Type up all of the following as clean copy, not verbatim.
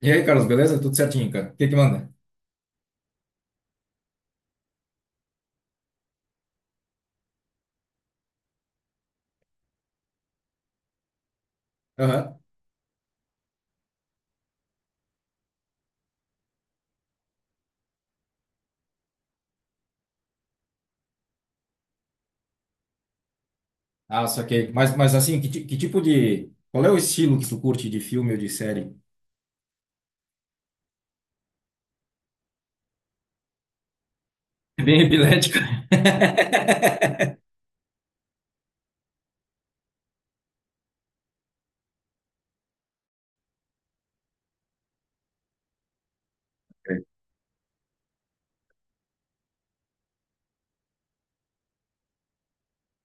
E aí, Carlos, beleza? Tudo certinho, cara. O que que manda? Aham. Ah, saquei. Mas assim, que tipo de... Qual é o estilo que tu curte de filme ou de série? É. Bem epilético.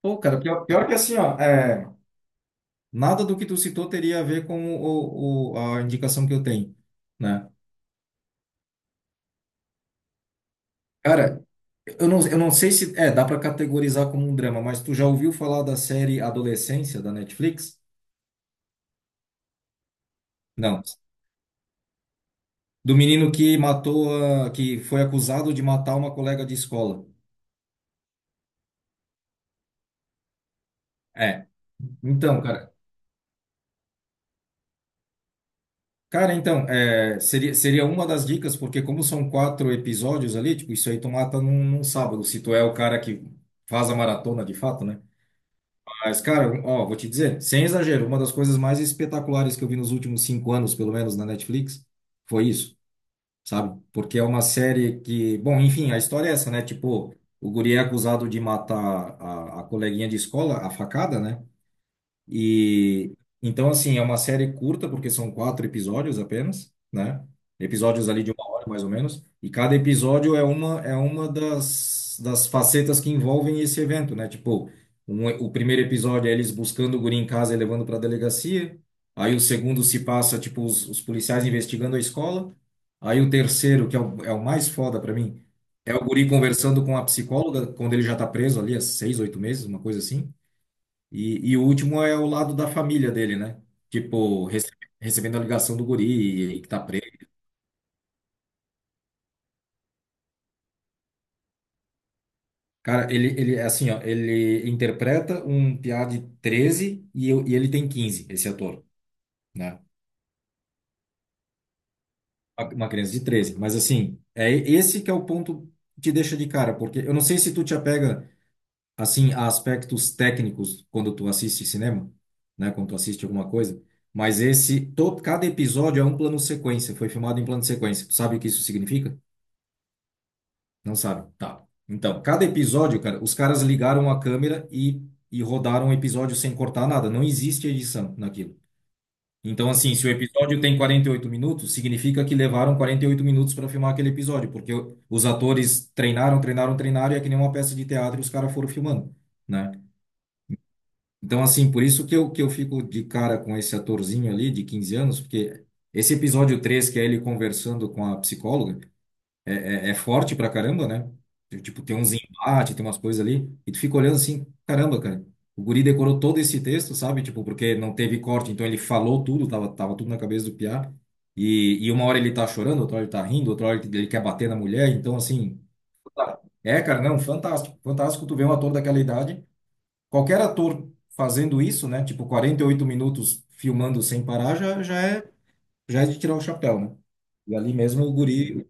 Pô, cara, pior que assim, ó, é, nada do que tu citou teria a ver com a indicação que eu tenho, né? Cara, eu não sei se... É, dá pra categorizar como um drama, mas tu já ouviu falar da série Adolescência, da Netflix? Não. Do menino que matou, que foi acusado de matar uma colega de escola. É. Então, cara, então, é, seria uma das dicas, porque como são quatro episódios ali, tipo, isso aí tu mata num sábado, se tu é o cara que faz a maratona de fato, né? Mas, cara, ó, vou te dizer, sem exagero, uma das coisas mais espetaculares que eu vi nos últimos 5 anos, pelo menos na Netflix, foi isso, sabe? Porque é uma série que, bom, enfim, a história é essa, né? Tipo, o guri é acusado de matar a coleguinha de escola, a facada, né? E então, assim, é uma série curta, porque são quatro episódios apenas, né? Episódios ali de uma hora, mais ou menos. E cada episódio é uma das facetas que envolvem esse evento, né? Tipo, o primeiro episódio é eles buscando o guri em casa e levando para a delegacia. Aí o segundo se passa, tipo, os policiais investigando a escola. Aí o terceiro, que é o mais foda para mim, é o guri conversando com a psicóloga, quando ele já tá preso ali há 6, 8 meses, uma coisa assim. E o último é o lado da família dele, né? Tipo, recebendo a ligação do guri e que tá preso. Cara, é assim, ó, ele interpreta um piá de 13 e ele tem 15. Esse ator, né? Uma criança de 13. Mas, assim, é esse que é o ponto que deixa de cara, porque eu não sei se tu te apega, assim, a aspectos técnicos quando tu assiste cinema, né? Quando tu assiste alguma coisa. Mas esse, todo, cada episódio é um plano sequência, foi filmado em plano sequência. Tu sabe o que isso significa? Não sabe. Tá. Então, cada episódio, cara, os caras ligaram a câmera e rodaram o episódio sem cortar nada. Não existe edição naquilo. Então, assim, se o episódio tem 48 minutos, significa que levaram 48 minutos para filmar aquele episódio, porque os atores treinaram, treinaram, treinaram, e é que nem uma peça de teatro, e os caras foram filmando, né? Então, assim, por isso que eu fico de cara com esse atorzinho ali de 15 anos, porque esse episódio 3 que é ele conversando com a psicóloga, é forte pra caramba, né? Tipo, tem uns embates, tem umas coisas ali, e tu fica olhando assim, caramba, cara, o guri decorou todo esse texto, sabe? Tipo, porque não teve corte, então ele falou tudo, tava tudo na cabeça do piá, e uma hora ele tá chorando, outra hora ele tá rindo, outra hora ele quer bater na mulher, então assim, é, cara, não, fantástico, fantástico tu vê um ator daquela idade, qualquer ator fazendo isso, né? Tipo, 48 minutos filmando sem parar já, já é de tirar o chapéu, né? E ali mesmo o guri,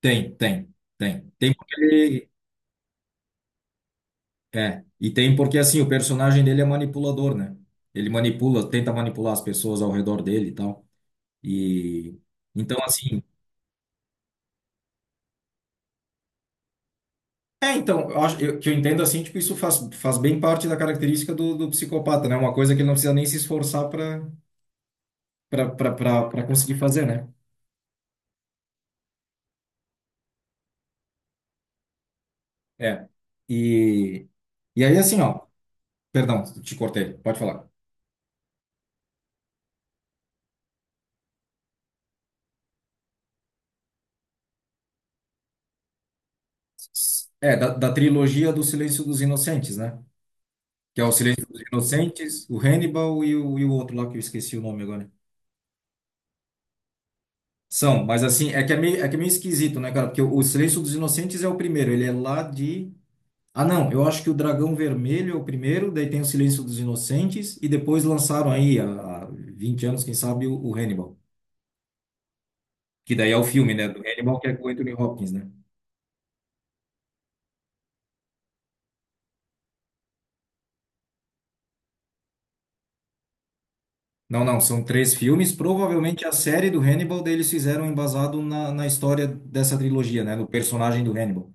Tem, tem, tem. Tem porque ele é, e tem porque assim, o personagem dele é manipulador, né? Ele manipula, tenta manipular as pessoas ao redor dele e tal. E então assim, é, então, eu acho que eu entendo assim, tipo, isso faz bem parte da característica do psicopata, né? Uma coisa que ele não precisa nem se esforçar para para conseguir fazer, né? É. E e aí assim, ó, perdão, te cortei. Pode falar. É, da trilogia do Silêncio dos Inocentes, né? Que é o Silêncio dos Inocentes, o Hannibal e o outro lá que eu esqueci o nome agora. São, mas assim, é que é meio esquisito, né, cara? Porque o Silêncio dos Inocentes é o primeiro, ele é lá de. Ah, não, eu acho que o Dragão Vermelho é o primeiro, daí tem o Silêncio dos Inocentes, e depois lançaram aí, há 20 anos, quem sabe, o Hannibal. Que daí é o filme, né, do Hannibal, que é com o Anthony Hopkins, né? Não, não, são três filmes. Provavelmente a série do Hannibal, daí eles fizeram embasado na história dessa trilogia, né? No personagem do Hannibal.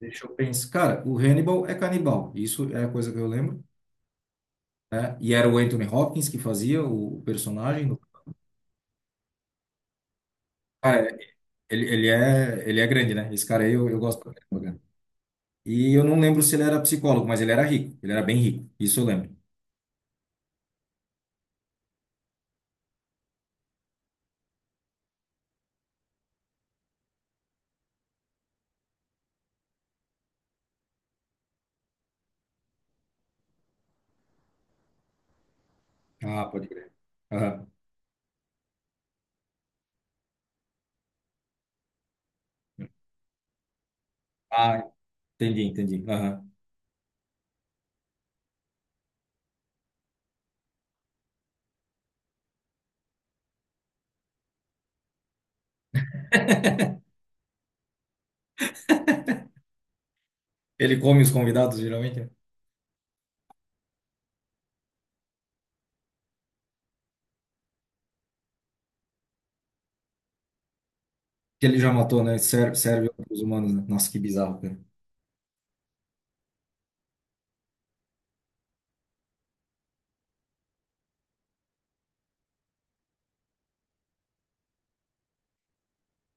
Deixa eu pensar. Cara, o Hannibal é canibal. Isso é a coisa que eu lembro. Né? E era o Anthony Hopkins que fazia o personagem. Cara, ele é grande, né? Esse cara aí eu gosto pra caramba, cara. E eu não lembro se ele era psicólogo, mas ele era rico. Ele era bem rico. Isso eu lembro. Ah, pode crer. Aham. Ah, entendi, entendi. Aham. Ele come os convidados, geralmente, né? Que ele já matou, né? Serve, serve para os humanos, né? Nossa, que bizarro, cara.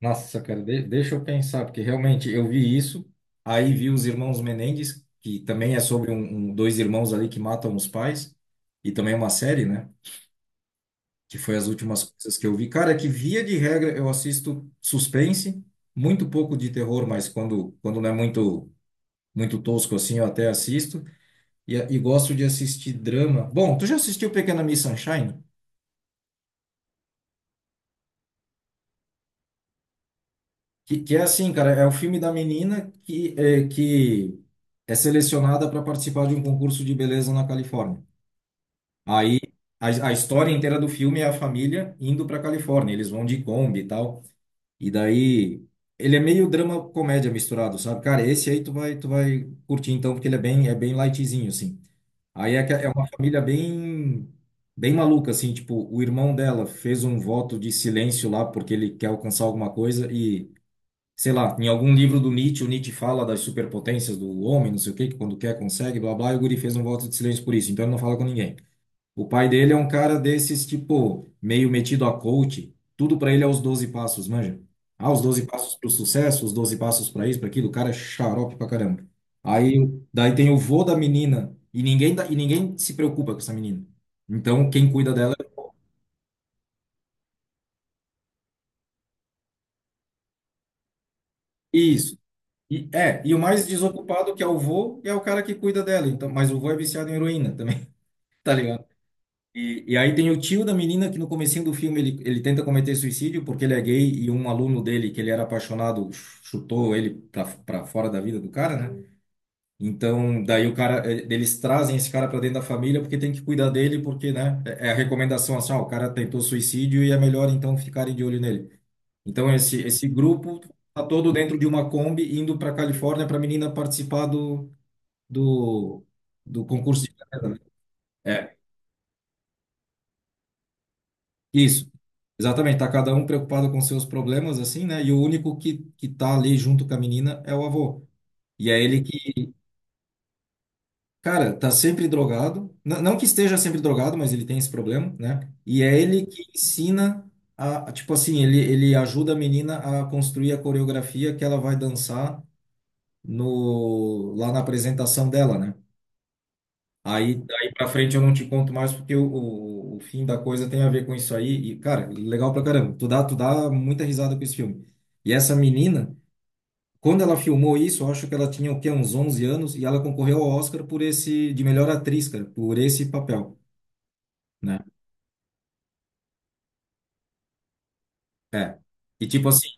Nossa, cara, deixa eu pensar, porque realmente eu vi isso, aí vi os irmãos Menendez, que também é sobre um, dois irmãos ali que matam os pais, e também é uma série, né? Que foi as últimas coisas que eu vi. Cara, que via de regra eu assisto suspense, muito pouco de terror, mas quando não é muito, muito tosco assim, eu até assisto, e gosto de assistir drama. Bom, tu já assistiu Pequena Miss Sunshine? Que é assim, cara, é o filme da menina que é selecionada para participar de um concurso de beleza na Califórnia. Aí a história inteira do filme é a família indo para Califórnia, eles vão de Kombi e tal. E daí ele é meio drama comédia misturado, sabe? Cara, esse aí tu vai curtir então, porque ele é bem lightzinho assim. Aí é uma família bem bem maluca assim, tipo, o irmão dela fez um voto de silêncio lá porque ele quer alcançar alguma coisa e sei lá, em algum livro do Nietzsche, o Nietzsche fala das superpotências do homem, não sei o quê, que quando quer consegue, blá blá, e o guri fez um voto de silêncio por isso, então ele não fala com ninguém. O pai dele é um cara desses, tipo, meio metido a coach, tudo pra ele é os 12 passos, manja? Ah, os 12 passos pro sucesso, os 12 passos pra isso, pra aquilo, o cara é xarope pra caramba. Aí, daí tem o vô da menina, e ninguém, e ninguém se preocupa com essa menina. Então, quem cuida dela é isso. E o mais desocupado que é o vô é o cara que cuida dela. Então, mas o vô é viciado em heroína também. Tá ligado? E aí tem o tio da menina que no comecinho do filme ele tenta cometer suicídio porque ele é gay e um aluno dele que ele era apaixonado chutou ele pra fora da vida do cara, né? Então, daí o cara, eles trazem esse cara pra dentro da família porque tem que cuidar dele porque, né? É a recomendação assim, ó, o cara tentou suicídio e é melhor então ficarem de olho nele. Então esse grupo tá todo dentro de uma Kombi indo pra Califórnia pra menina participar do, do concurso de beleza, né? É. Isso, exatamente. Tá cada um preocupado com seus problemas, assim, né? E o único que tá ali junto com a menina é o avô. E é ele que, cara, tá sempre drogado. N não que esteja sempre drogado, mas ele tem esse problema, né? E é ele que ensina a, tipo assim, ele ajuda a menina a construir a coreografia que ela vai dançar no, lá na apresentação dela, né? Aí, daí pra frente eu não te conto mais porque o fim da coisa tem a ver com isso aí. E, cara, legal pra caramba. Tu dá muita risada com esse filme. E essa menina, quando ela filmou isso, eu acho que ela tinha o quê? Uns 11 anos e ela concorreu ao Oscar por esse, de melhor atriz, cara, por esse papel, né? É. E tipo assim,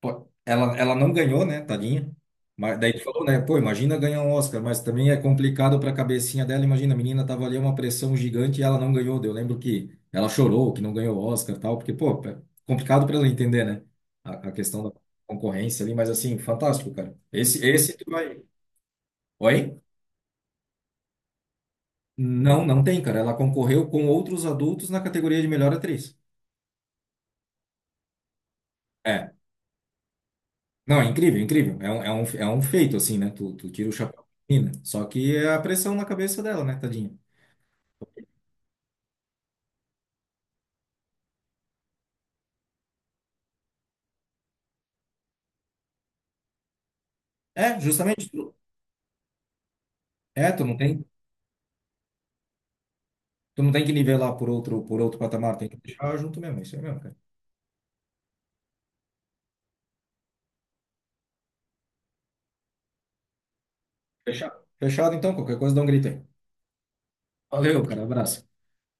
pô, ela não ganhou, né, tadinha? Mas daí tu falou, né? Pô, imagina ganhar um Oscar, mas também é complicado pra cabecinha dela. Imagina, a menina tava ali uma pressão gigante e ela não ganhou. Eu lembro que ela chorou que não ganhou o Oscar e tal, porque, pô, é complicado pra ela entender, né? A questão da concorrência ali, mas assim, fantástico, cara. Esse tu vai. Oi? Não, não tem, cara. Ela concorreu com outros adultos na categoria de melhor atriz. É. Não, é incrível, é incrível. É um feito, assim, né? Tu tira o chapéu da menina. Só que é a pressão na cabeça dela, né, tadinha? É, justamente. É, tu não tem, tu não tem, que nivelar por outro patamar, tem que deixar junto mesmo. Isso aí mesmo, cara. Fechado. Fechado, então, qualquer coisa dá um grito aí. Valeu, cara. Abraço.